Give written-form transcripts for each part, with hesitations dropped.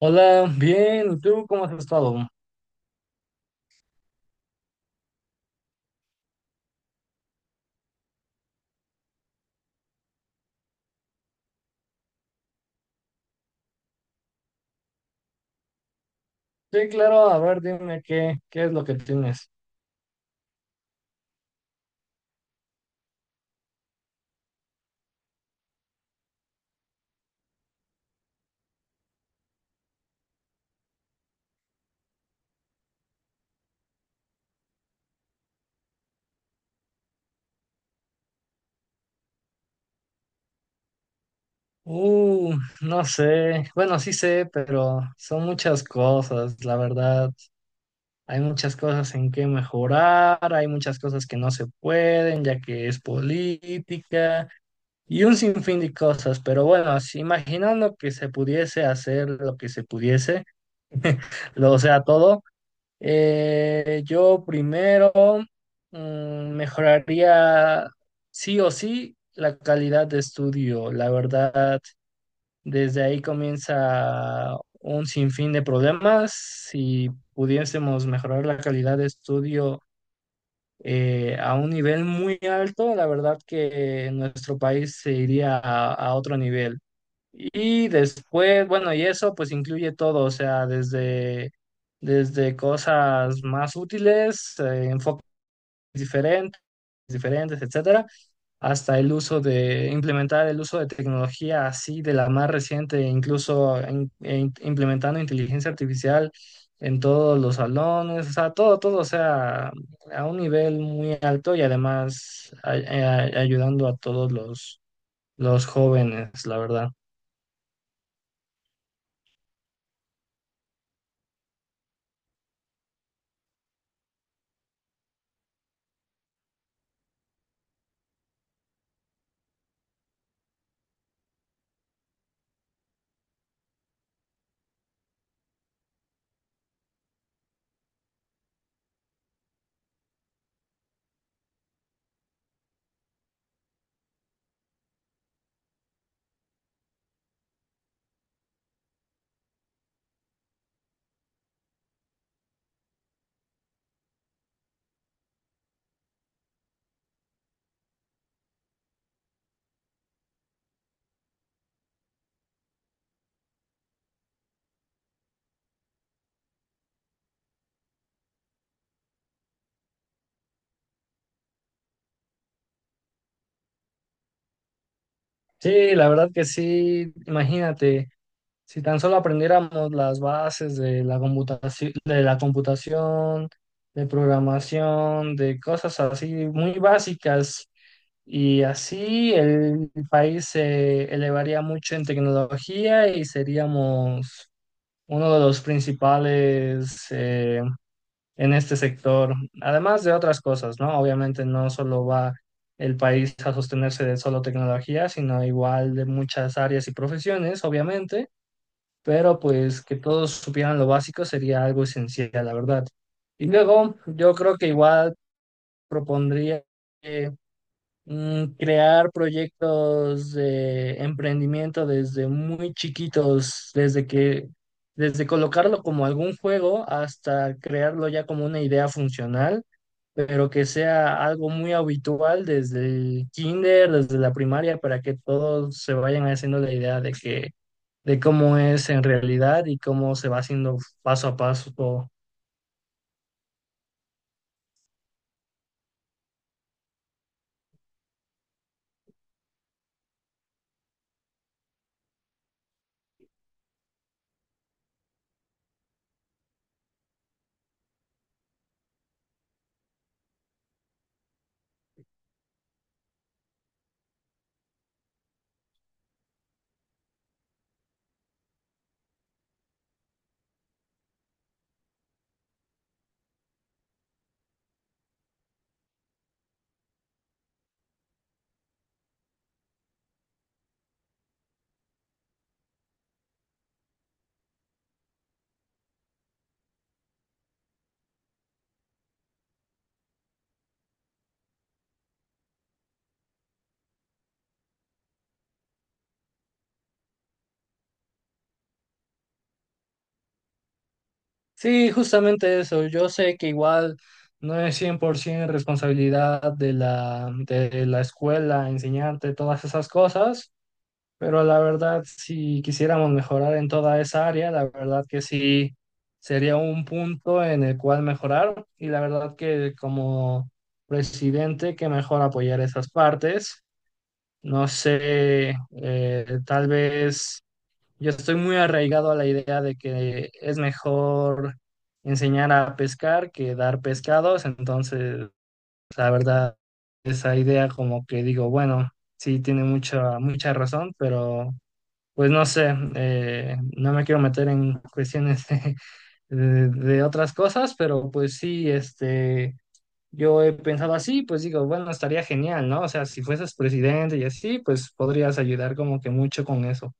Hola, bien, ¿y tú cómo has estado? Sí, claro, a ver, dime qué es lo que tienes. Uh, no sé, bueno, sí sé, pero son muchas cosas, la verdad. Hay muchas cosas en que mejorar, hay muchas cosas que no se pueden, ya que es política y un sinfín de cosas, pero bueno, si imaginando que se pudiese hacer lo que se pudiese, lo, o sea, todo. Yo primero mejoraría sí o sí la calidad de estudio. La verdad, desde ahí comienza un sinfín de problemas. Si pudiésemos mejorar la calidad de estudio a un nivel muy alto, la verdad que nuestro país se iría a otro nivel. Y después, bueno, y eso pues incluye todo, o sea, desde cosas más útiles, enfoques diferentes, diferentes, etcétera, hasta el uso de implementar el uso de tecnología así de la más reciente, incluso implementando inteligencia artificial en todos los salones, o sea, todo, o sea, a un nivel muy alto y además ayudando a los jóvenes, la verdad. Sí, la verdad que sí, imagínate, si tan solo aprendiéramos las bases de la computación, de programación, de cosas así muy básicas, y así el país se elevaría mucho en tecnología y seríamos uno de los principales en este sector, además de otras cosas, ¿no? Obviamente no solo va el país a sostenerse de solo tecnología, sino igual de muchas áreas y profesiones, obviamente, pero pues que todos supieran lo básico sería algo esencial, la verdad. Y luego yo creo que igual propondría eh, crear proyectos de emprendimiento desde muy chiquitos, desde colocarlo como algún juego hasta crearlo ya como una idea funcional, pero que sea algo muy habitual desde el kinder, desde la primaria, para que todos se vayan haciendo la idea de que, de cómo es en realidad y cómo se va haciendo paso a paso todo. Sí, justamente eso. Yo sé que igual no es 100% responsabilidad de de la escuela enseñarte todas esas cosas. Pero la verdad, si quisiéramos mejorar en toda esa área, la verdad que sí sería un punto en el cual mejorar, y la verdad que como presidente, que mejor apoyar esas partes. No sé, tal vez yo estoy muy arraigado a la idea de que es mejor enseñar a pescar que dar pescados, entonces la verdad esa idea como que digo, bueno, sí tiene mucha mucha razón, pero pues no sé, no me quiero meter en cuestiones de, de otras cosas, pero pues sí, este, yo he pensado así, pues digo, bueno, estaría genial, ¿no? O sea, si fueses presidente y así, pues podrías ayudar como que mucho con eso.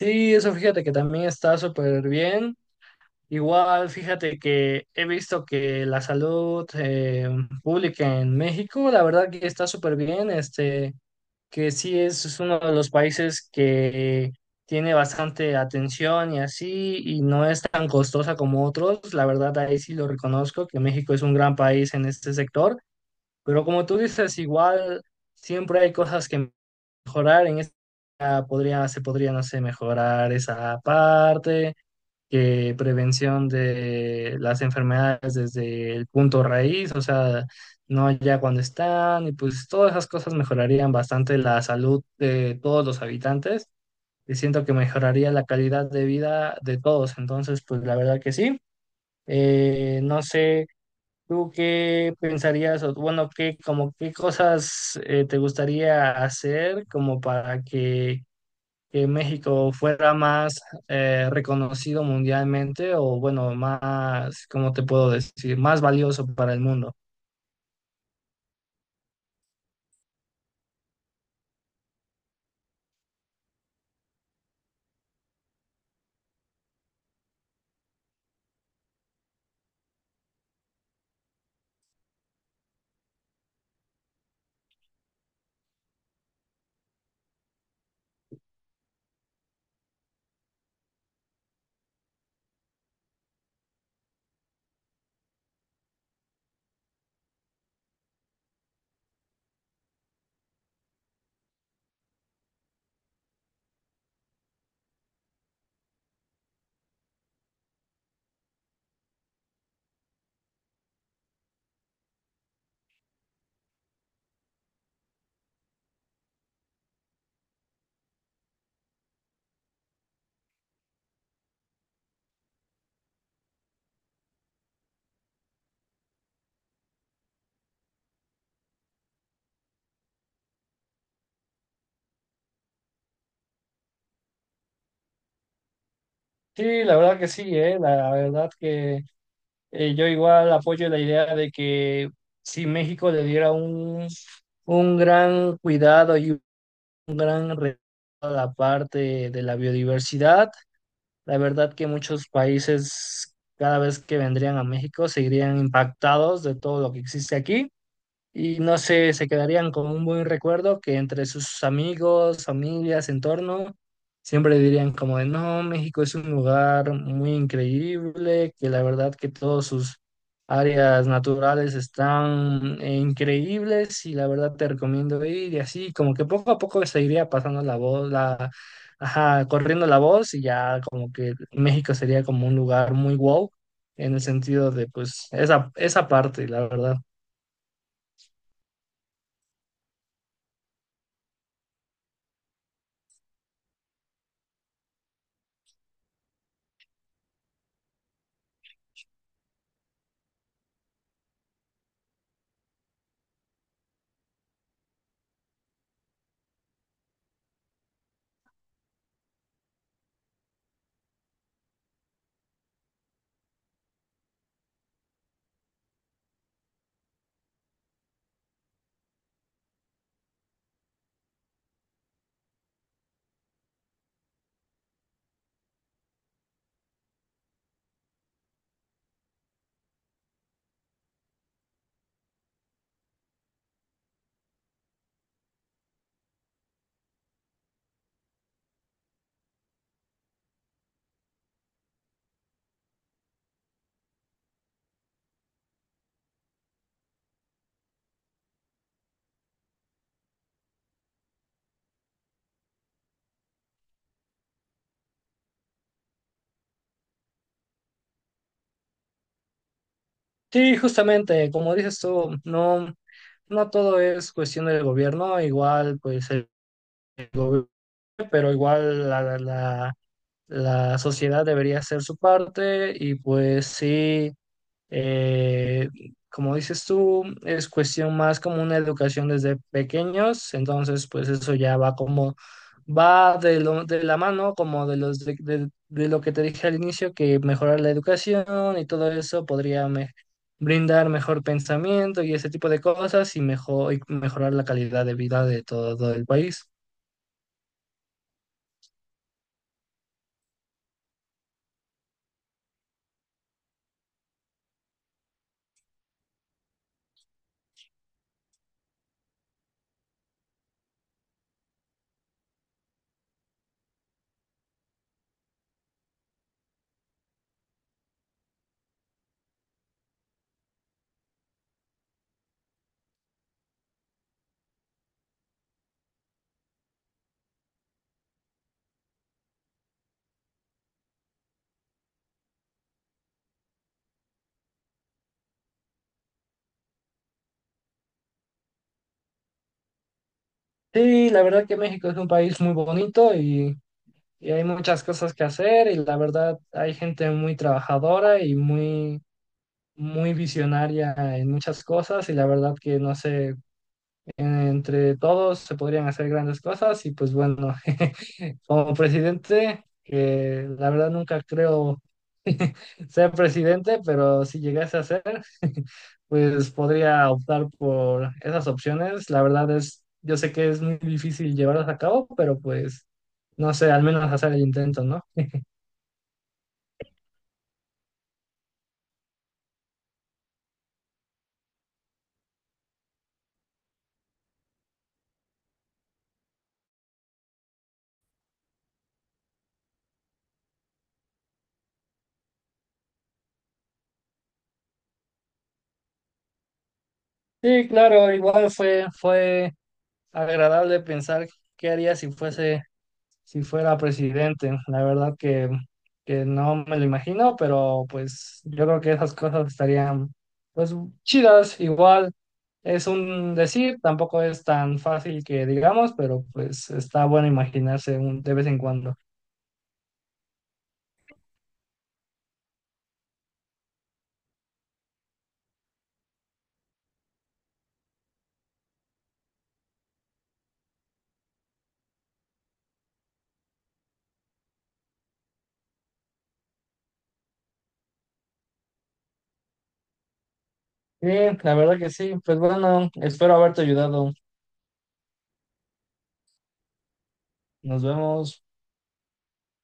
Sí, eso fíjate que también está súper bien. Igual, fíjate que he visto que la salud pública en México, la verdad que está súper bien, este. Que sí es uno de los países que tiene bastante atención y así, y no es tan costosa como otros. La verdad, ahí sí lo reconozco, que México es un gran país en este sector, pero como tú dices, igual siempre hay cosas que mejorar. En esta se podría, no sé, mejorar esa parte, que prevención de las enfermedades desde el punto raíz, o sea, no ya cuando están, y pues todas esas cosas mejorarían bastante la salud de todos los habitantes, y siento que mejoraría la calidad de vida de todos, entonces pues la verdad que sí. No sé, ¿tú qué pensarías? O bueno, qué como qué cosas te gustaría hacer como para que México fuera más reconocido mundialmente o bueno, más, ¿cómo te puedo decir? Más valioso para el mundo. Sí, la verdad que sí, la verdad que yo igual apoyo la idea de que si México le diera un gran cuidado y un gran a la parte de la biodiversidad, la verdad que muchos países cada vez que vendrían a México seguirían impactados de todo lo que existe aquí. Y no sé, se quedarían con un buen recuerdo, que entre sus amigos, familias, entorno, siempre dirían como de, no, México es un lugar muy increíble, que la verdad que todos sus áreas naturales están increíbles y la verdad te recomiendo ir, y así, como que poco a poco se iría pasando la voz, ajá, corriendo la voz, y ya como que México sería como un lugar muy wow en el sentido de pues esa parte, la verdad. Sí, justamente, como dices tú, no, no todo es cuestión del gobierno, igual pues el gobierno, pero igual la la sociedad debería hacer su parte, y pues sí. Eh, Como dices tú, es cuestión más como una educación desde pequeños, entonces pues eso ya va como, va de, de la mano, como de, de lo que te dije al inicio, que mejorar la educación y todo eso podría brindar mejor pensamiento y ese tipo de cosas y, y mejorar la calidad de vida de todo el país. Sí, la verdad que México es un país muy bonito y hay muchas cosas que hacer, y la verdad hay gente muy trabajadora y muy, muy visionaria en muchas cosas, y la verdad que no sé, entre todos se podrían hacer grandes cosas, y pues bueno, como presidente, que la verdad nunca creo ser presidente, pero si llegase a ser, pues podría optar por esas opciones. La verdad es, yo sé que es muy difícil llevarlas a cabo, pero pues no sé, al menos hacer el intento, ¿no? Sí, claro, igual fue agradable pensar qué haría si fuese, si fuera presidente. La verdad que no me lo imagino, pero pues yo creo que esas cosas estarían pues chidas. Igual es un decir, tampoco es tan fácil que digamos, pero pues está bueno imaginarse un, de vez en cuando. Sí, la verdad que sí. Pues bueno, espero haberte ayudado. Nos vemos.